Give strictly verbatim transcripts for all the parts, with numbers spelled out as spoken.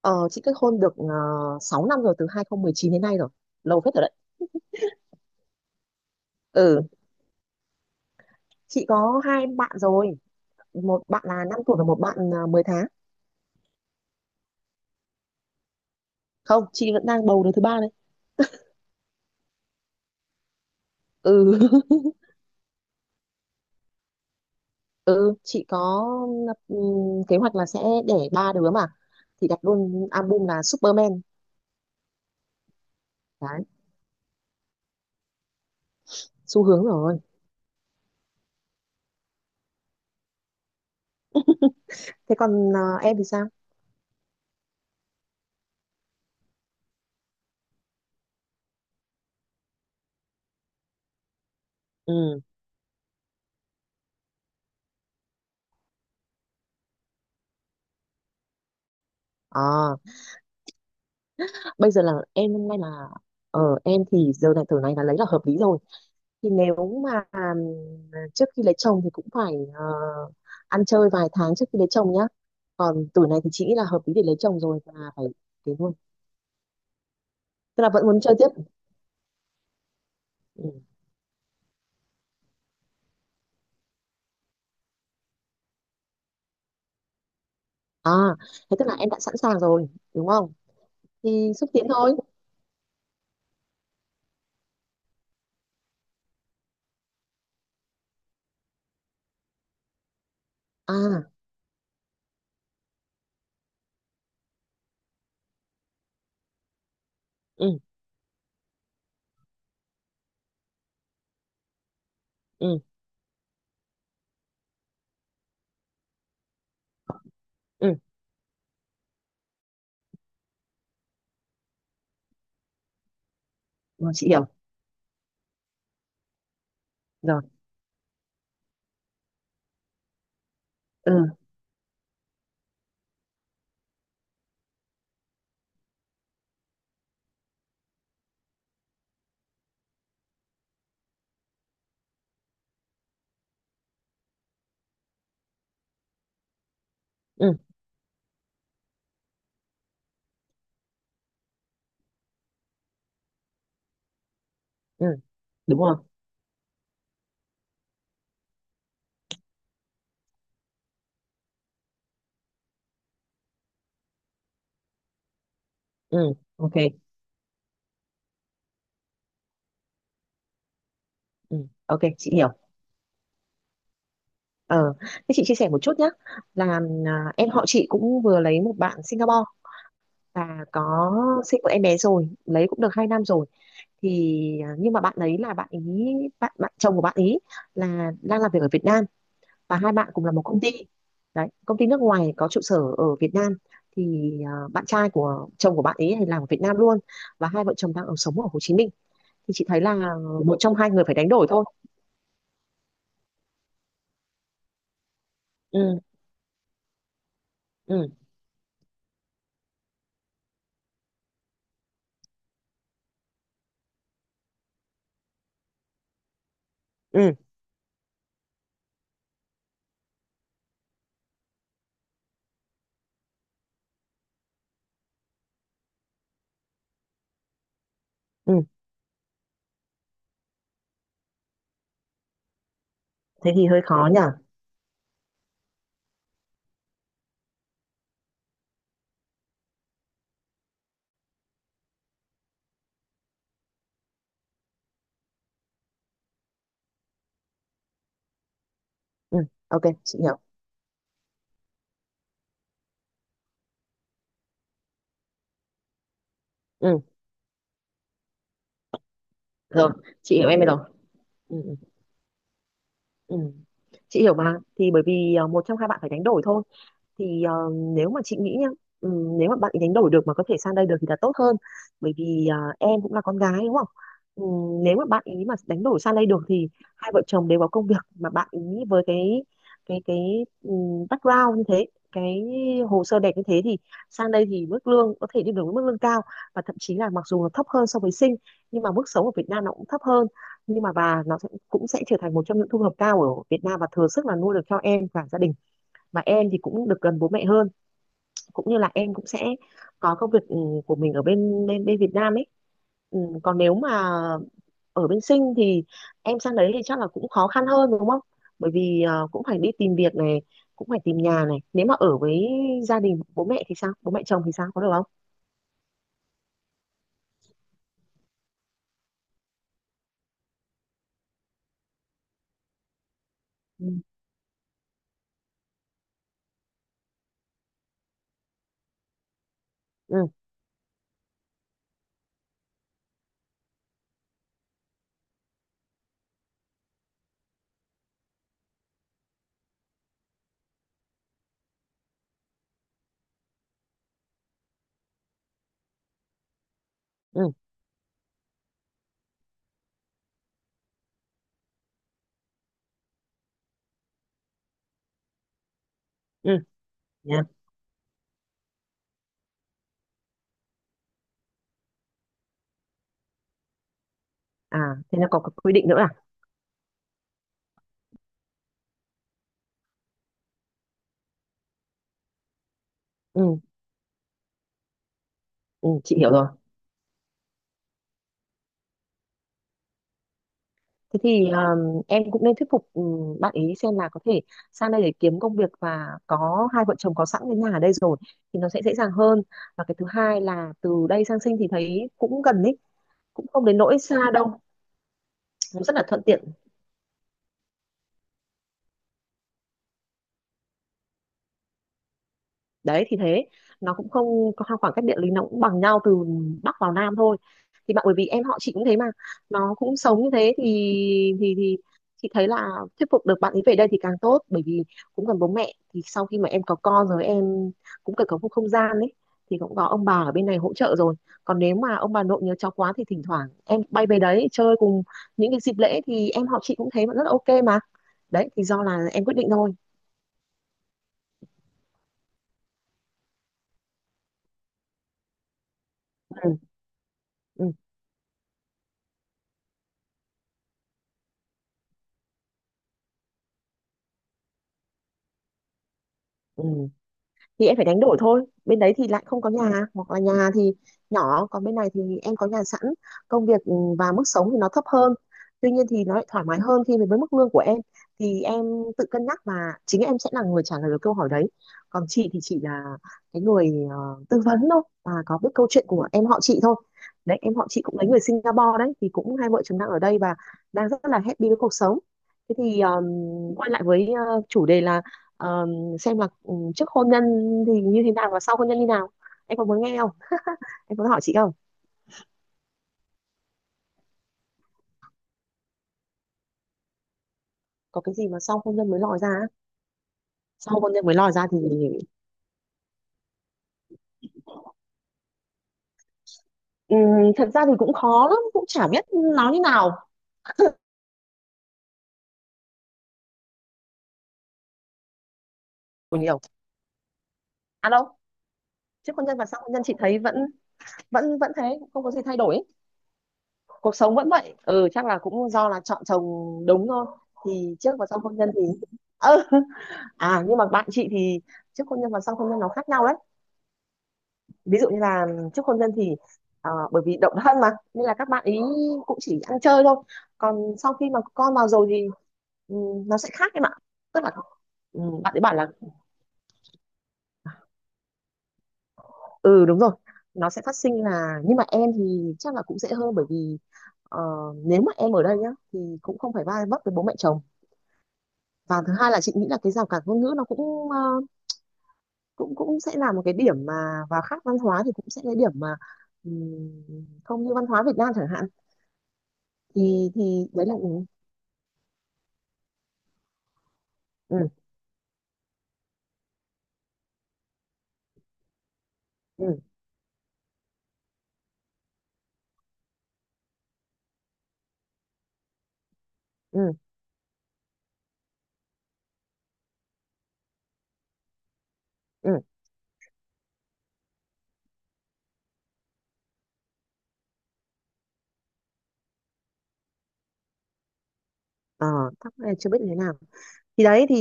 Ờ, chị kết hôn được uh, sáu năm rồi, từ hai không một chín đến nay rồi, lâu phết rồi đấy. Ừ, chị có hai bạn rồi, một bạn là năm tuổi và một bạn uh, mười tháng. Không, chị vẫn đang bầu đứa thứ ba đấy. Ừ ừ, chị có ừm, kế hoạch là sẽ đẻ ba đứa mà, thì đặt luôn album là Superman. Đấy, xu hướng rồi. Thế còn ờ, em thì sao? Ừ. à, Bây giờ là em, hôm nay là ờ em thì giờ này, tuổi này là lấy là hợp lý rồi. Thì nếu mà ừm, trước khi lấy chồng thì cũng phải ờ, ăn chơi vài tháng trước khi lấy chồng nhá. Còn tuổi này thì chị nghĩ là hợp lý để lấy chồng rồi, và phải thế luôn. Tức là vẫn muốn chơi tiếp. Ừ. À, thế tức là em đã sẵn sàng rồi đúng không? Thì xúc tiến thôi. À. Ừ. Ừ. Ừ. Rồi, chị hiểu rồi. Ừ. Ừ. Ừ, đúng rồi. Ừ. Ok. Ừ. Ok, chị hiểu. Ờ, thế chị chia sẻ một chút nhé, là à, em họ chị cũng vừa lấy một bạn Singapore, và có sinh một em bé rồi, lấy cũng được hai năm rồi. Thì à, nhưng mà bạn ấy là bạn ấy bạn bạn chồng của bạn ấy là đang làm việc ở Việt Nam, và hai bạn cùng là một công ty. Đấy, công ty nước ngoài có trụ sở ở Việt Nam. Thì à, bạn trai của chồng của bạn ấy thì làm ở Việt Nam luôn, và hai vợ chồng đang ở sống ở Hồ Chí Minh. Thì chị thấy là một trong hai người phải đánh đổi thôi. Ừ. Ừ. Ừ. Ừ, thế thì hơi khó nhỉ. Ừ, ok chị hiểu. Ừ, rồi chị hiểu em rồi. Ừ. Ừ. Chị hiểu mà, thì bởi vì ờ, một trong hai bạn phải đánh đổi thôi. Thì ờ, nếu mà chị nghĩ nhá, ừ, nếu mà bạn ấy đánh đổi được mà có thể sang đây được thì là tốt hơn. Bởi vì ờ, em cũng là con gái đúng không? Ừ, nếu mà bạn ý mà đánh đổi sang đây được thì hai vợ chồng đều có công việc, mà bạn ý với cái cái cái ừ, background như thế, cái hồ sơ đẹp như thế thì sang đây thì mức lương có thể đi được với mức lương cao. Và thậm chí là mặc dù nó thấp hơn so với Sinh, nhưng mà mức sống ở Việt Nam nó cũng thấp hơn, nhưng mà và nó sẽ, cũng sẽ trở thành một trong những thu nhập cao ở Việt Nam, và thừa sức là nuôi được cho em và gia đình. Và em thì cũng được gần bố mẹ hơn, cũng như là em cũng sẽ có công việc ừ, của mình ở bên bên bên Việt Nam ấy. Ừ, còn nếu mà ở bên Sinh thì em sang đấy thì chắc là cũng khó khăn hơn đúng không? Bởi vì ờ, cũng phải đi tìm việc này, cũng phải tìm nhà này. Nếu mà ở với gia đình bố mẹ thì sao, bố mẹ chồng thì sao, có được không? Ừ. Ừ. Ừ. Ừ. Nha. À, thế là có quy định nữa à? Ừ. Ừ, chị hiểu rồi. Thế thì um, em cũng nên thuyết phục um, bạn ý xem là có thể sang đây để kiếm công việc, và có hai vợ chồng có sẵn cái nhà ở đây rồi thì nó sẽ dễ dàng hơn. Và cái thứ hai là từ đây sang Sinh thì thấy cũng gần ấy, cũng không đến nỗi xa đâu, nó rất là thuận tiện. Đấy thì thế, nó cũng không có khoảng cách địa lý, nó cũng bằng nhau, từ bắc vào nam thôi. Thì bạn, bởi vì em họ chị cũng thế mà, nó cũng sống như thế thì, thì thì chị thấy là thuyết phục được bạn ấy về đây thì càng tốt. Bởi vì cũng gần bố mẹ, thì sau khi mà em có con rồi em cũng cần có một không gian ấy, thì cũng có ông bà ở bên này hỗ trợ rồi. Còn nếu mà ông bà nội nhớ cháu quá thì thỉnh thoảng em bay về đấy chơi cùng những cái dịp lễ. Thì em họ chị cũng thấy vẫn rất là ok mà. Đấy, thì do là em quyết định thôi. ừ, ừ, ừ. Thì em phải đánh đổi thôi, bên đấy thì lại không có nhà, hoặc là nhà thì nhỏ. Còn bên này thì em có nhà sẵn, công việc, ừ, và mức sống thì nó thấp hơn, tuy nhiên thì nó lại thoải mái hơn khi mà với mức lương của em. Thì em tự cân nhắc, và chính em sẽ là người trả lời được câu hỏi đấy. Còn chị thì chị là cái người ờ, tư vấn thôi, và có biết câu chuyện của em họ chị thôi. Đấy, em họ chị cũng lấy người Singapore đấy, thì cũng hai vợ chồng đang ở đây và đang rất là happy với cuộc sống. Thế thì ờ, quay lại với ờ, chủ đề là ờ, xem là trước hôn nhân thì như thế nào và sau hôn nhân như nào. Em có muốn nghe không? Em có hỏi chị không? Có cái gì mà sau hôn nhân mới lòi ra á? Sau hôn nhân mới lòi ra thì ừm, thật ra thì cũng khó lắm, cũng chả biết nói như nào. Của nhiều. À đâu. Trước hôn nhân và sau hôn nhân chị thấy vẫn vẫn vẫn thế, cũng không có gì thay đổi ấy. Cuộc sống vẫn vậy, ừ chắc là cũng do là chọn chồng đúng thôi. Thì trước và sau hôn nhân thì ừ. À nhưng mà bạn chị thì trước hôn nhân và sau hôn nhân nó khác nhau đấy. Ví dụ như là trước hôn nhân thì ờ, bởi vì độc thân mà nên là các bạn ý cũng chỉ ăn chơi thôi. Còn sau khi mà con vào rồi thì ừ, nó sẽ khác em ạ. Tức là ừ, bạn ấy bảo là, ừ đúng rồi, nó sẽ phát sinh. Là nhưng mà em thì chắc là cũng dễ hơn, bởi vì ờ, nếu mà em ở đây nhá thì cũng không phải va vấp với bố mẹ chồng. Và thứ hai là chị nghĩ là cái rào cản ngôn ngữ nó cũng ờ, cũng cũng sẽ là một cái điểm mà, và khác văn hóa thì cũng sẽ là cái điểm mà ừm, không như văn hóa Việt Nam chẳng hạn. Thì thì đấy là ừ. Ừ. Ừ. ừ, ừ. Ờ, thắc mắc là chưa biết như thế nào. Thì đấy thì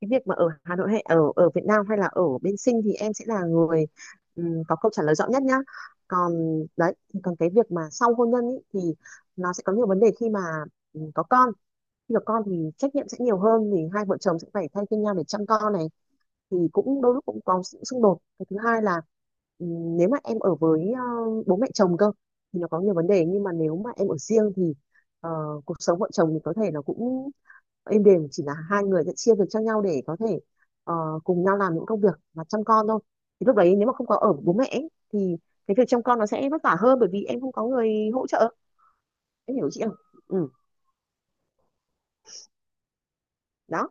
cái việc mà ở Hà Nội hay ở ở Việt Nam hay là ở bên Sinh thì em sẽ là người ừm, có câu trả lời rõ nhất nhá. Còn đấy, còn cái việc mà sau hôn nhân ý, thì nó sẽ có nhiều vấn đề khi mà ừm, có con. Khi có con thì trách nhiệm sẽ nhiều hơn, thì hai vợ chồng sẽ phải thay phiên nhau để chăm con này, thì cũng đôi lúc cũng có sự xung đột. Cái thứ hai là ừ, nếu mà em ở với ờ, bố mẹ chồng cơ thì nó có nhiều vấn đề. Nhưng mà nếu mà em ở riêng thì ờ, cuộc sống vợ chồng thì có thể nó cũng êm đềm, chỉ là hai người sẽ chia việc cho nhau để có thể ờ, cùng nhau làm những công việc và chăm con thôi. Thì lúc đấy nếu mà không có ở với bố mẹ ấy, thì cái việc chăm con nó sẽ vất vả hơn, bởi vì em không có người hỗ trợ. Em hiểu chị không? Ừ. Đó.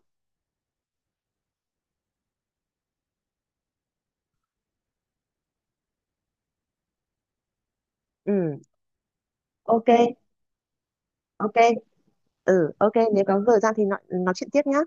Ừ. Ok. Ok. Ừ, ok, nếu có thời gian thì nói, nói chuyện tiếp nhá.